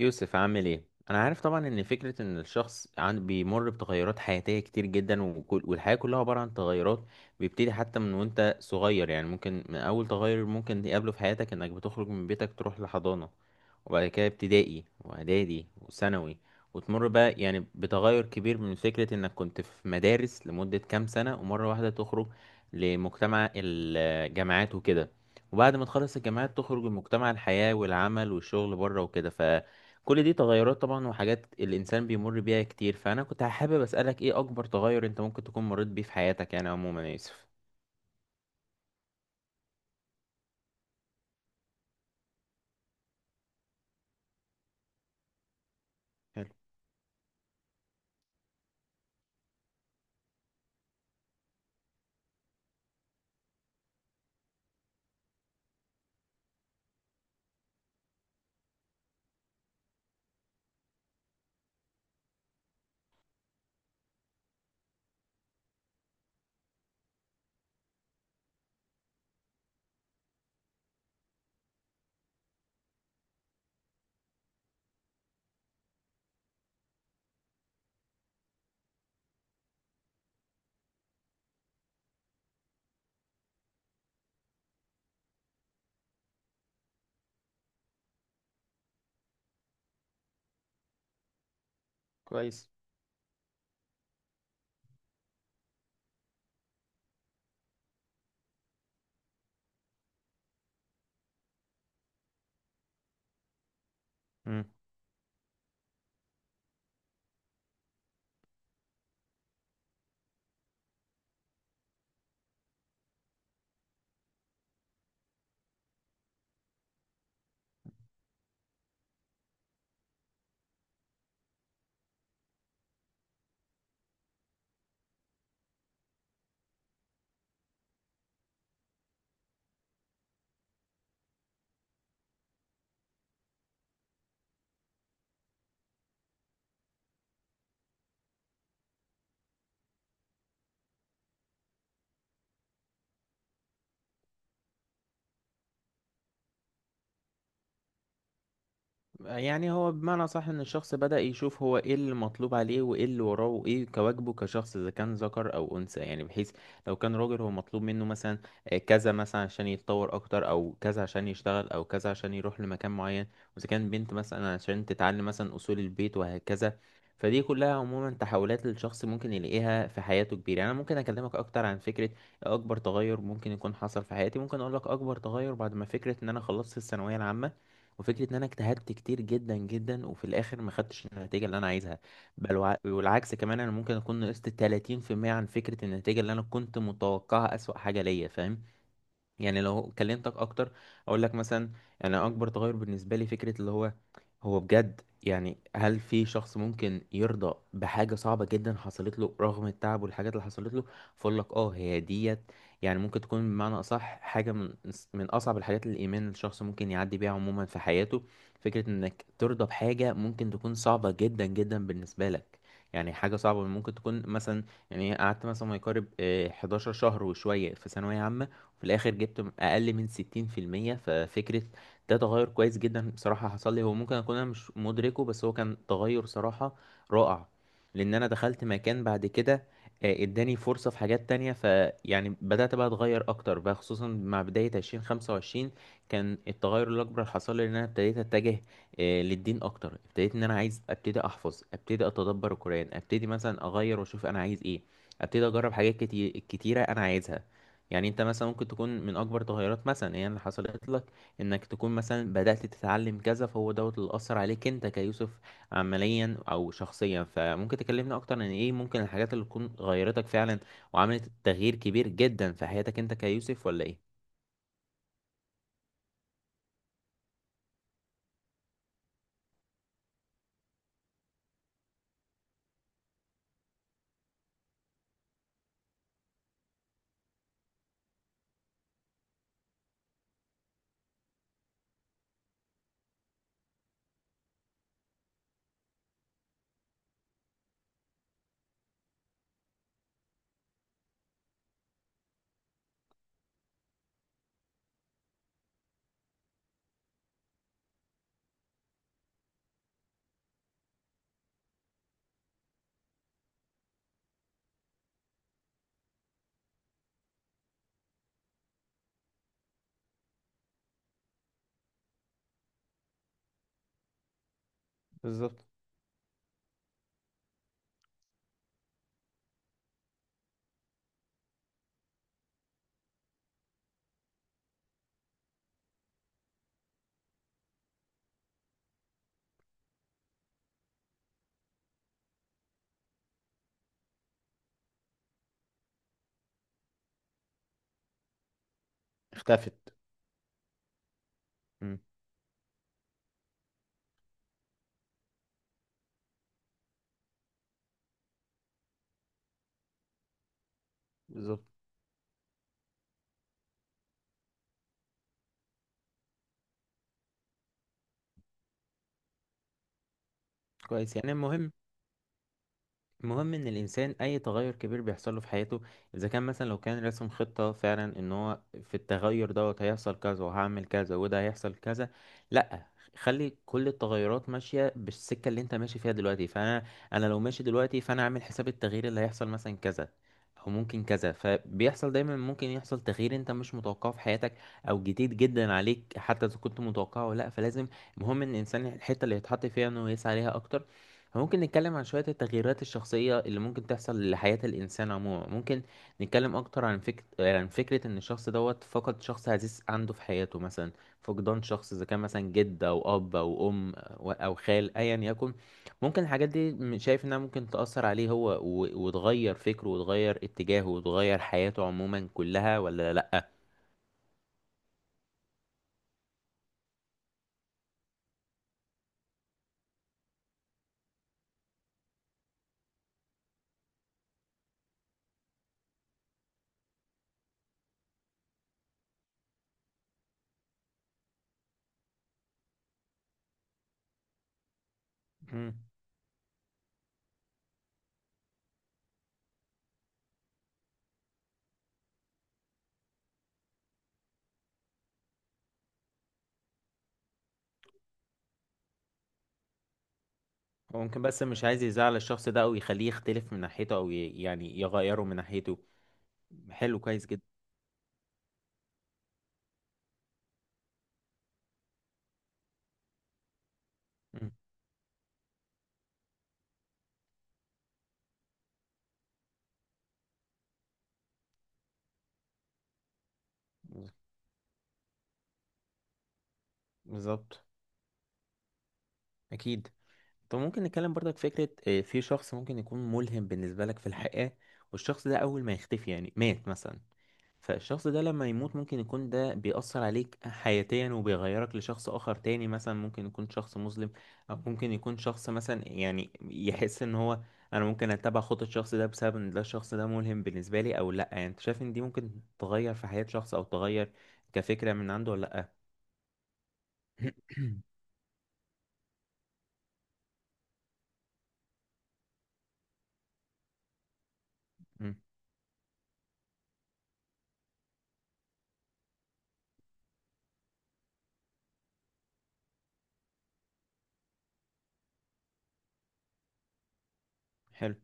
يوسف، عامل ايه؟ انا عارف طبعا ان فكرة ان الشخص عن بيمر بتغيرات حياتية كتير جدا، وكل والحياة كلها عبارة عن تغيرات. بيبتدي حتى من وانت صغير، يعني ممكن من اول تغير ممكن تقابله في حياتك انك بتخرج من بيتك تروح لحضانة، وبعد كده ابتدائي واعدادي وثانوي، وتمر بقى يعني بتغير كبير من فكرة انك كنت في مدارس لمدة كام سنة ومرة واحدة تخرج لمجتمع الجامعات وكده. وبعد ما تخلص الجامعات تخرج لمجتمع الحياة والعمل والشغل بره وكده، ف كل دي تغيرات طبعا وحاجات الإنسان بيمر بيها كتير. فأنا كنت حابب أسألك إيه أكبر تغير أنت ممكن تكون مريت بيه في حياتك يعني عموما يا يوسف؟ حلو. كويس. يعني هو بمعنى صح ان الشخص بدأ يشوف هو ايه اللي مطلوب عليه وايه اللي وراه وايه كواجبه كشخص اذا كان ذكر او انثى، يعني بحيث لو كان راجل هو مطلوب منه مثلا كذا مثلا عشان يتطور اكتر، او كذا عشان يشتغل، او كذا عشان يروح لمكان معين. واذا كان بنت مثلا عشان تتعلم مثلا اصول البيت وهكذا. فدي كلها عموما تحولات الشخص ممكن يلاقيها في حياته كبيرة. يعني انا ممكن اكلمك اكتر عن فكرة اكبر تغير ممكن يكون حصل في حياتي. ممكن اقول لك اكبر تغير بعد ما فكرة ان انا خلصت الثانوية العامة، وفكره ان انا اجتهدت كتير جدا جدا، وفي الاخر ما خدتش النتيجه اللي انا عايزها. بل والعكس كمان انا ممكن اكون نقصت 30% عن فكره النتيجه اللي انا كنت متوقعها، اسوأ حاجه ليا، فاهم؟ يعني لو كلمتك اكتر، اقول لك مثلا، انا اكبر تغير بالنسبه لي فكره اللي هو هو بجد، يعني هل في شخص ممكن يرضى بحاجه صعبه جدا حصلت له رغم التعب والحاجات اللي حصلت له؟ فاقول لك اه، هي ديت. يعني ممكن تكون بمعنى اصح حاجه من اصعب الحاجات اللي الايمان الشخص ممكن يعدي بيها عموما في حياته. فكره انك ترضى بحاجه ممكن تكون صعبه جدا جدا بالنسبه لك. يعني حاجه صعبه ممكن تكون مثلا، يعني قعدت مثلا ما يقارب 11 شهر وشويه في ثانويه عامه، وفي الاخر جبت اقل من 60%. ففكرة، ده تغير كويس جدا بصراحة حصل لي، هو ممكن اكون انا مش مدركه بس هو كان تغير صراحة رائع. لان انا دخلت مكان بعد كده اداني فرصة في حاجات تانية. فيعني بدأت بقى اتغير اكتر بقى، خصوصا مع بداية 2025 كان التغير الأكبر اللي حصل لي إن أنا ابتديت أتجه للدين أكتر. ابتديت إن أنا عايز أبتدي أحفظ، أبتدي أتدبر القرآن، أبتدي مثلا أغير وأشوف أنا عايز إيه، أبتدي أجرب حاجات كتير كتيرة أنا عايزها. يعني انت مثلا ممكن تكون من اكبر تغيرات مثلا هي اللي حصلت لك انك تكون مثلا بدأت تتعلم كذا، فهو دوت اللي اثر عليك انت كيوسف عمليا او شخصيا. فممكن تكلمنا اكتر عن ايه ممكن الحاجات اللي تكون غيرتك فعلا وعملت تغيير كبير جدا في حياتك انت كيوسف، ولا ايه؟ بالظبط. اختفت. مم. بالظبط. كويس. يعني المهم، المهم ان الانسان اي تغير كبير بيحصل له في حياته اذا كان مثلا لو كان رسم خطة فعلا ان هو في التغير دوت هيحصل كذا وهعمل كذا وده هيحصل كذا، لا. خلي كل التغيرات ماشية بالسكة اللي انت ماشي فيها دلوقتي. فانا لو ماشي دلوقتي فانا عامل حساب التغيير اللي هيحصل مثلا كذا او ممكن كذا. فبيحصل دايما ممكن يحصل تغيير انت مش متوقعه في حياتك، او جديد جدا عليك حتى اذا كنت متوقعه ولا لا، فلازم المهم ان الانسان الحتة اللي يتحط فيها انه يسعى ليها اكتر. ممكن نتكلم عن شوية التغييرات الشخصية اللي ممكن تحصل لحياة الإنسان عموما. ممكن نتكلم أكتر عن فكرة عن فكرة إن الشخص دوت فقد شخص عزيز عنده في حياته مثلا، فقدان شخص إذا كان مثلا جد أو أب أو أم أو خال أيا يكن. ممكن الحاجات دي شايف إنها ممكن تأثر عليه هو وتغير فكره وتغير اتجاهه وتغير حياته عموما كلها، ولا لأ؟ مم. هو ممكن بس مش عايز يزعل الشخص ده أو يخليه يختلف من ناحيته أو يعني يغيره من ناحيته. حلو، كويس جدا. مم. بالظبط. اكيد. طب ممكن نتكلم برضك فكرة في شخص ممكن يكون ملهم بالنسبة لك في الحياة، والشخص ده اول ما يختفي يعني مات مثلا، فالشخص ده لما يموت ممكن يكون ده بيأثر عليك حياتيا وبيغيرك لشخص آخر تاني، مثلا ممكن يكون شخص مسلم أو ممكن يكون شخص مثلا، يعني يحس إن هو أنا ممكن أتبع خطة الشخص ده بسبب إن ده الشخص ده ملهم بالنسبة لي، أو لأ. يعني أنت شايف إن دي ممكن تغير في حياة شخص أو تغير كفكرة من عنده، ولا لأ؟ مم. حلو.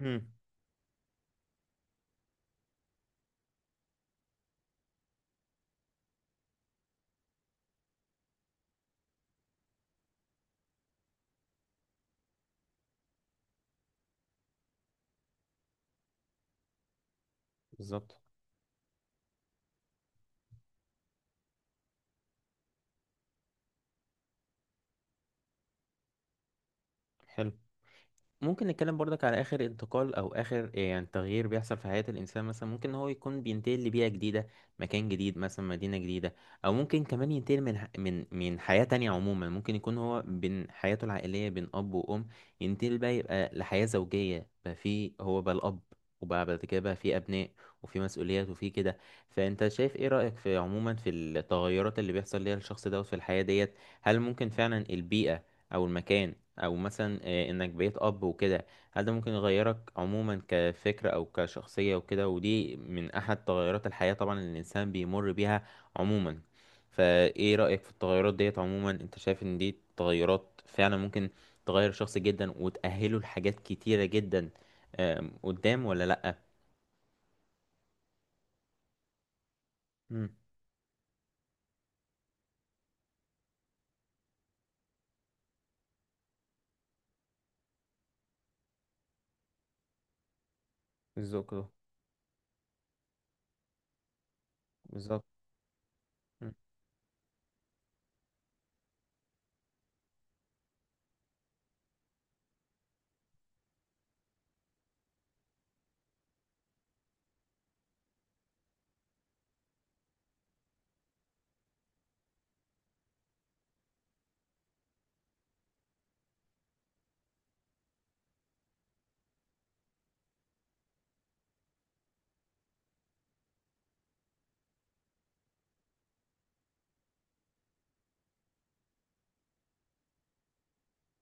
مم. بالظبط. حلو. ممكن نتكلم برضك على آخر انتقال أو آخر يعني تغيير بيحصل في حياة الإنسان. مثلا ممكن إن هو يكون بينتقل لبيئة جديدة، مكان جديد، مثلا مدينة جديدة. أو ممكن كمان ينتقل من ح- من من حياة تانية عموما ممكن يكون هو بين حياته العائلية بين أب وأم، ينتقل بقى يبقى لحياة زوجية بقى في هو بقى الأب، وبقى بعد كده بقى في أبناء وفي مسؤوليات وفي كده. فأنت شايف إيه رأيك في عموما في التغيرات اللي بيحصل ليها الشخص دوت في الحياة ديت؟ هل ممكن فعلا البيئة أو المكان او مثلا انك بقيت اب وكده، هل ده ممكن يغيرك عموما كفكرة او كشخصية وكده؟ ودي من احد تغيرات الحياة طبعا اللي الانسان بيمر بيها عموما. فايه رأيك في التغيرات ديت عموما؟ انت شايف ان دي تغيرات فعلا ممكن تغير الشخص جدا وتأهله لحاجات كتيرة جدا قدام، ولا لأ؟ مم، بالظبط كده. بالظبط.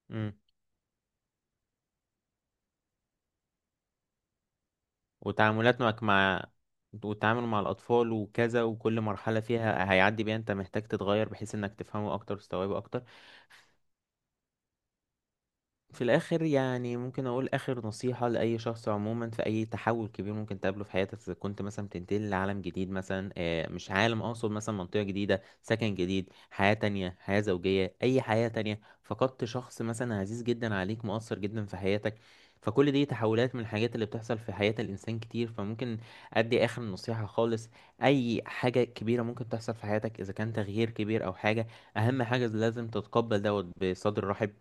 مم، وتعاملات معك مع، والتعامل مع الأطفال وكذا، وكل مرحلة فيها هيعدي بيها أنت محتاج تتغير بحيث إنك تفهمه أكتر وتستوعبه أكتر. في الآخر يعني ممكن أقول آخر نصيحة لأي شخص عموما في أي تحول كبير ممكن تقابله في حياتك. إذا كنت مثلا بتنتقل لعالم جديد، مثلا مش عالم، أقصد مثلا منطقة جديدة، سكن جديد، حياة تانية، حياة زوجية، أي حياة تانية، فقدت شخص مثلا عزيز جدا عليك مؤثر جدا في حياتك، فكل دي تحولات من الحاجات اللي بتحصل في حياة الإنسان كتير. فممكن أدي آخر نصيحة خالص: أي حاجة كبيرة ممكن تحصل في حياتك إذا كان تغيير كبير أو حاجة، أهم حاجة لازم تتقبل دوت بصدر رحب،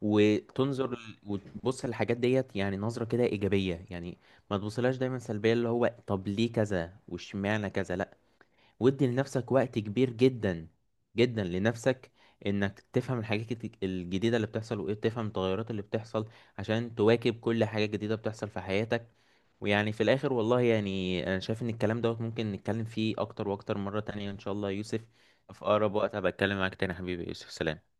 وتبص للحاجات ديت يعني نظرة كده إيجابية، يعني ما تبصلهاش دايما سلبية اللي هو طب ليه كذا واشمعنى كذا، لأ. وادي لنفسك وقت كبير جدا جدا لنفسك انك تفهم الحاجات الجديدة اللي بتحصل، وايه تفهم التغيرات اللي بتحصل عشان تواكب كل حاجة جديدة بتحصل في حياتك. ويعني في الاخر والله، يعني انا شايف ان الكلام دوت ممكن نتكلم فيه اكتر واكتر مرة تانية ان شاء الله يا يوسف. في اقرب وقت هبقى اتكلم معاك تاني يا حبيبي يا يوسف، سلام.